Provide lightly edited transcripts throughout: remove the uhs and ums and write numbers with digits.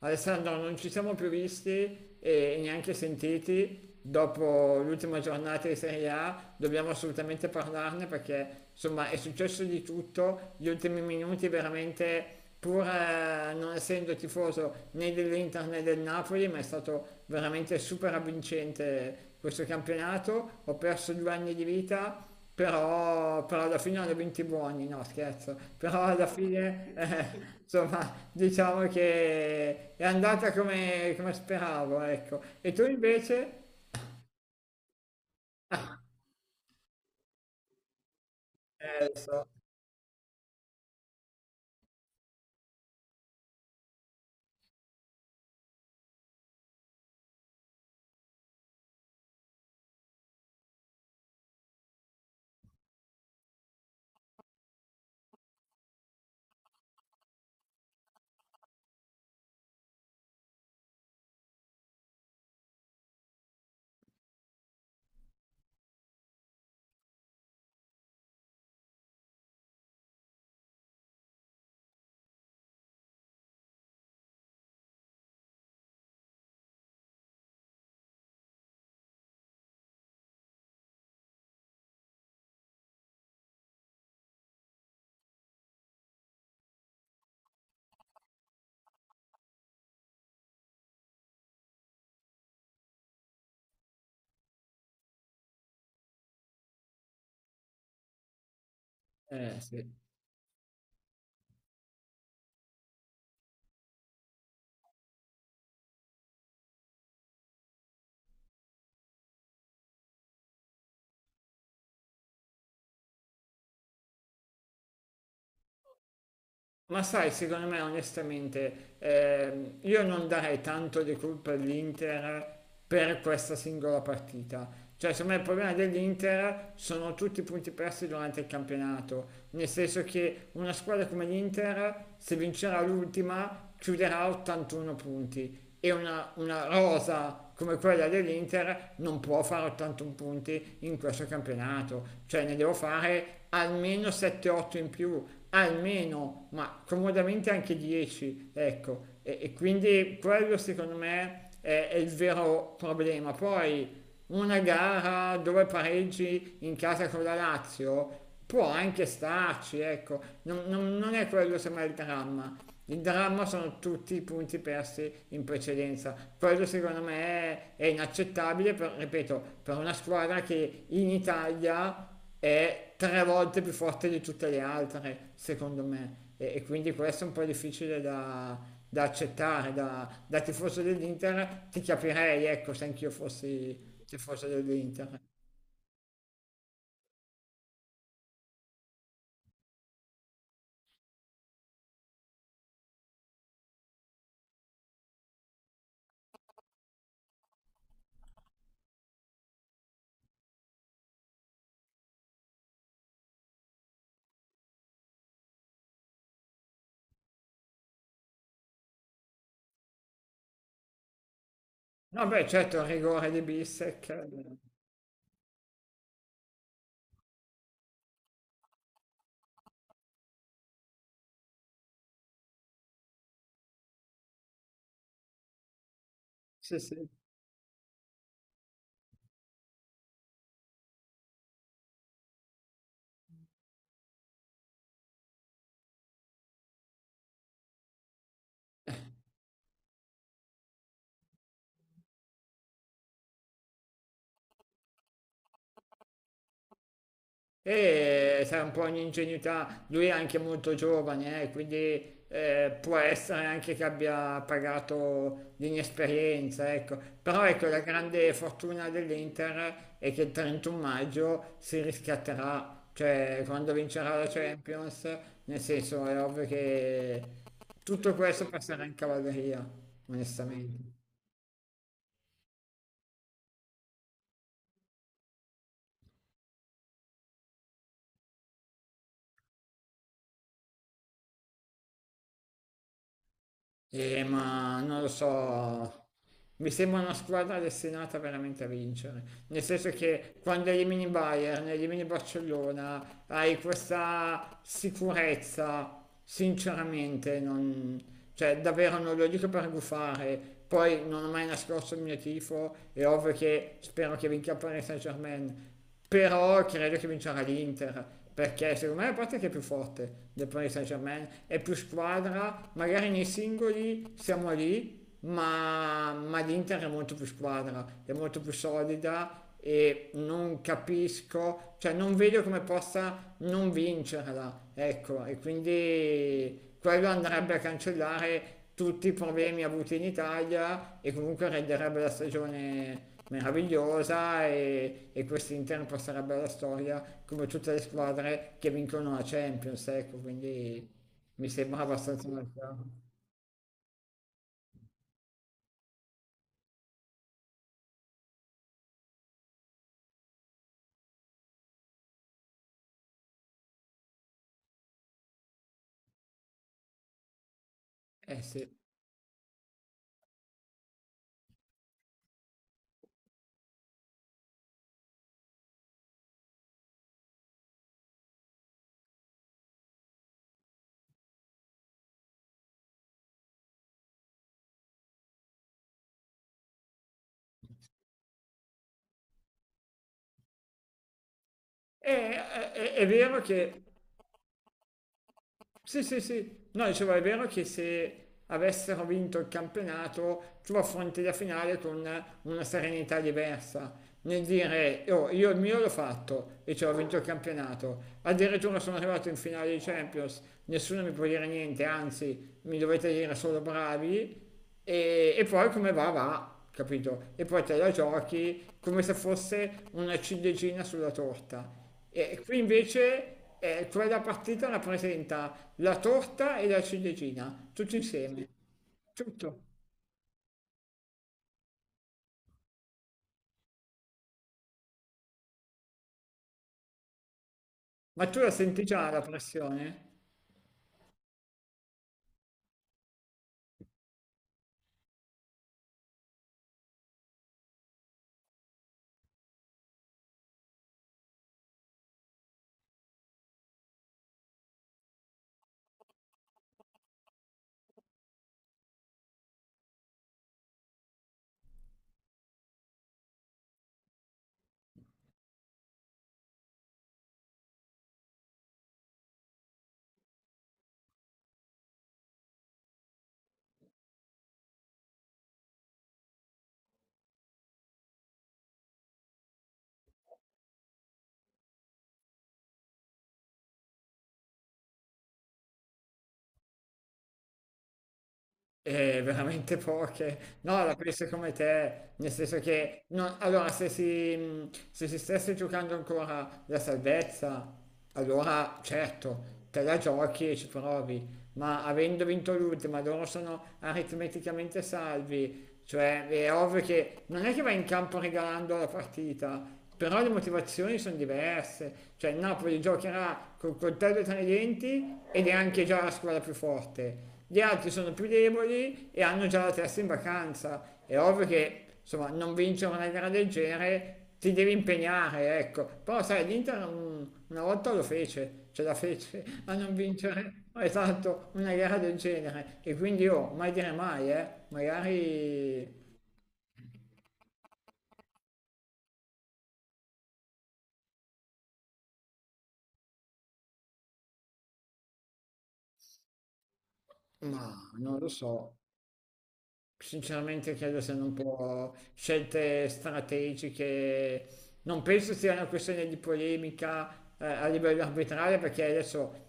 Alessandro, non ci siamo più visti e neanche sentiti dopo l'ultima giornata di Serie A, dobbiamo assolutamente parlarne perché insomma è successo di tutto, gli ultimi minuti veramente pur non essendo tifoso né dell'Inter né del Napoli, ma è stato veramente super avvincente questo campionato, ho perso due anni di vita, però alla fine hanno vinto i buoni, no scherzo, però alla fine insomma diciamo che è andata come, come speravo, ecco. E tu invece? Lo so. Sì. Ma sai, secondo me onestamente io non darei tanto di colpa all'Inter per questa singola partita. Cioè, secondo me il problema dell'Inter sono tutti i punti persi durante il campionato, nel senso che una squadra come l'Inter, se vincerà l'ultima, chiuderà 81 punti e una rosa come quella dell'Inter non può fare 81 punti in questo campionato, cioè ne devo fare almeno 7-8 in più, almeno, ma comodamente anche 10, ecco, e quindi quello secondo me è il vero problema. Poi una gara dove pareggi in casa con la Lazio può anche starci, ecco, non è quello sembra il dramma. Il dramma sono tutti i punti persi in precedenza. Quello secondo me è inaccettabile, per- ripeto, per una squadra che in Italia è tre volte più forte di tutte le altre, secondo me. E quindi questo è un po' difficile da, da accettare. Da tifoso dell'Inter ti capirei, ecco, se anch'io fossi tifoso dell'Inter. No, beh, certo, il rigore di Bissek. Sì, sì. E sarà un po' un'ingenuità, lui è anche molto giovane, quindi può essere anche che abbia pagato l'inesperienza, ecco. Però ecco, la grande fortuna dell'Inter è che il 31 maggio si riscatterà, cioè quando vincerà la Champions, nel senso è ovvio che tutto questo passerà in cavalleria, onestamente. Ma non lo so, mi sembra una squadra destinata veramente a vincere, nel senso che quando elimini Bayern, elimini Barcellona, hai questa sicurezza, sinceramente, non, cioè davvero non lo dico per gufare, poi non ho mai nascosto il mio tifo, è ovvio che spero che vinca il Paris Saint-Germain, però credo che vincerà l'Inter perché secondo me la parte che è più forte del Paris Saint Germain è più squadra, magari nei singoli siamo lì, ma l'Inter è molto più squadra, è molto più solida e non capisco, cioè non vedo come possa non vincerla, ecco, e quindi quello andrebbe a cancellare tutti i problemi avuti in Italia e comunque renderebbe la stagione meravigliosa, e quest'Inter passerà bella storia come tutte le squadre che vincono la Champions, ecco, quindi mi sembra abbastanza naturale. Eh sì. E, è vero che Sì, sì, sì. No, dicevo, è vero che se avessero vinto il campionato, tu affronti la finale con una serenità diversa. Nel dire, "Oh, io il mio l'ho fatto e cioè ho vinto il campionato. Addirittura sono arrivato in finale di Champions, nessuno mi può dire niente, anzi, mi dovete dire solo bravi. E poi come va, va, capito? E poi te la giochi come se fosse una ciliegina sulla torta. E qui invece quella partita la presenta la torta e la ciliegina, tutto insieme, tutto. Ma tu la senti già la pressione? Veramente poche. No, la penso come te, nel senso che no, allora se si stesse giocando ancora la salvezza, allora certo, te la giochi e ci provi, ma avendo vinto l'ultima, loro sono aritmeticamente salvi, cioè è ovvio che non è che vai in campo regalando la partita, però le motivazioni sono diverse, cioè il Napoli giocherà col coltello tra i denti ed è anche già la squadra più forte. Gli altri sono più deboli e hanno già la testa in vacanza. È ovvio che, insomma, non vincere una gara del genere ti devi impegnare, ecco. Però sai, l'Inter una volta lo fece, ce la fece a non vincere, esatto, una gara del genere. E quindi io, mai dire mai, magari... Ma non lo so, sinceramente credo siano un po' scelte strategiche. Non penso sia una questione di polemica a livello arbitrale perché adesso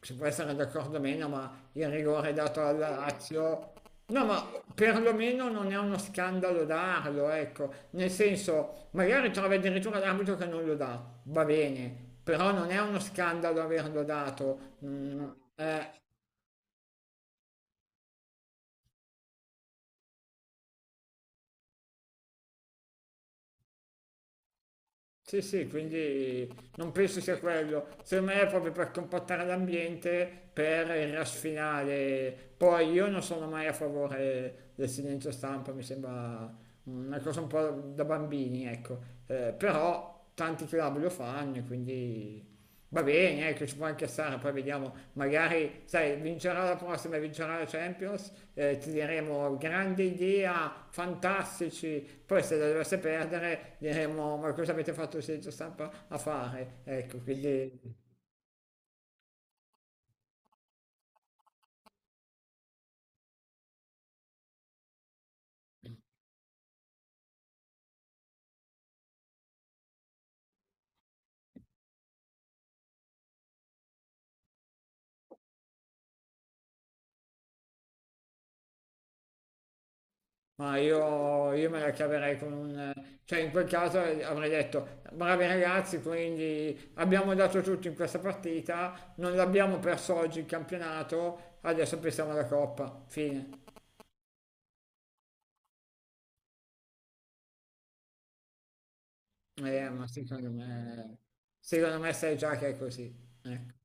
si può essere d'accordo o meno, ma il rigore dato alla Lazio. No, ma perlomeno non è uno scandalo darlo, ecco. Nel senso, magari trovi addirittura l'arbitro che non lo dà, va bene, però non è uno scandalo averlo dato. Mm, eh, sì, sì, quindi non penso sia quello. Secondo me è proprio per compattare l'ambiente, per il rush finale. Poi io non sono mai a favore del silenzio stampa, mi sembra una cosa un po' da bambini, ecco. Però tanti club lo fanno, e quindi va bene, ecco, ci può anche stare, poi vediamo, magari, sai, vincerà la prossima, vincerà la Champions, ti diremo grande idea, fantastici, poi se la dovesse perdere diremo ma cosa avete fatto senza stampa a fare? Ecco, quindi... Ma io me la caverei con un... cioè in quel caso avrei detto, bravi ragazzi, quindi abbiamo dato tutto in questa partita, non l'abbiamo perso oggi il campionato, adesso pensiamo alla Coppa, fine. Ma sì, secondo me sai già che è così. Eh.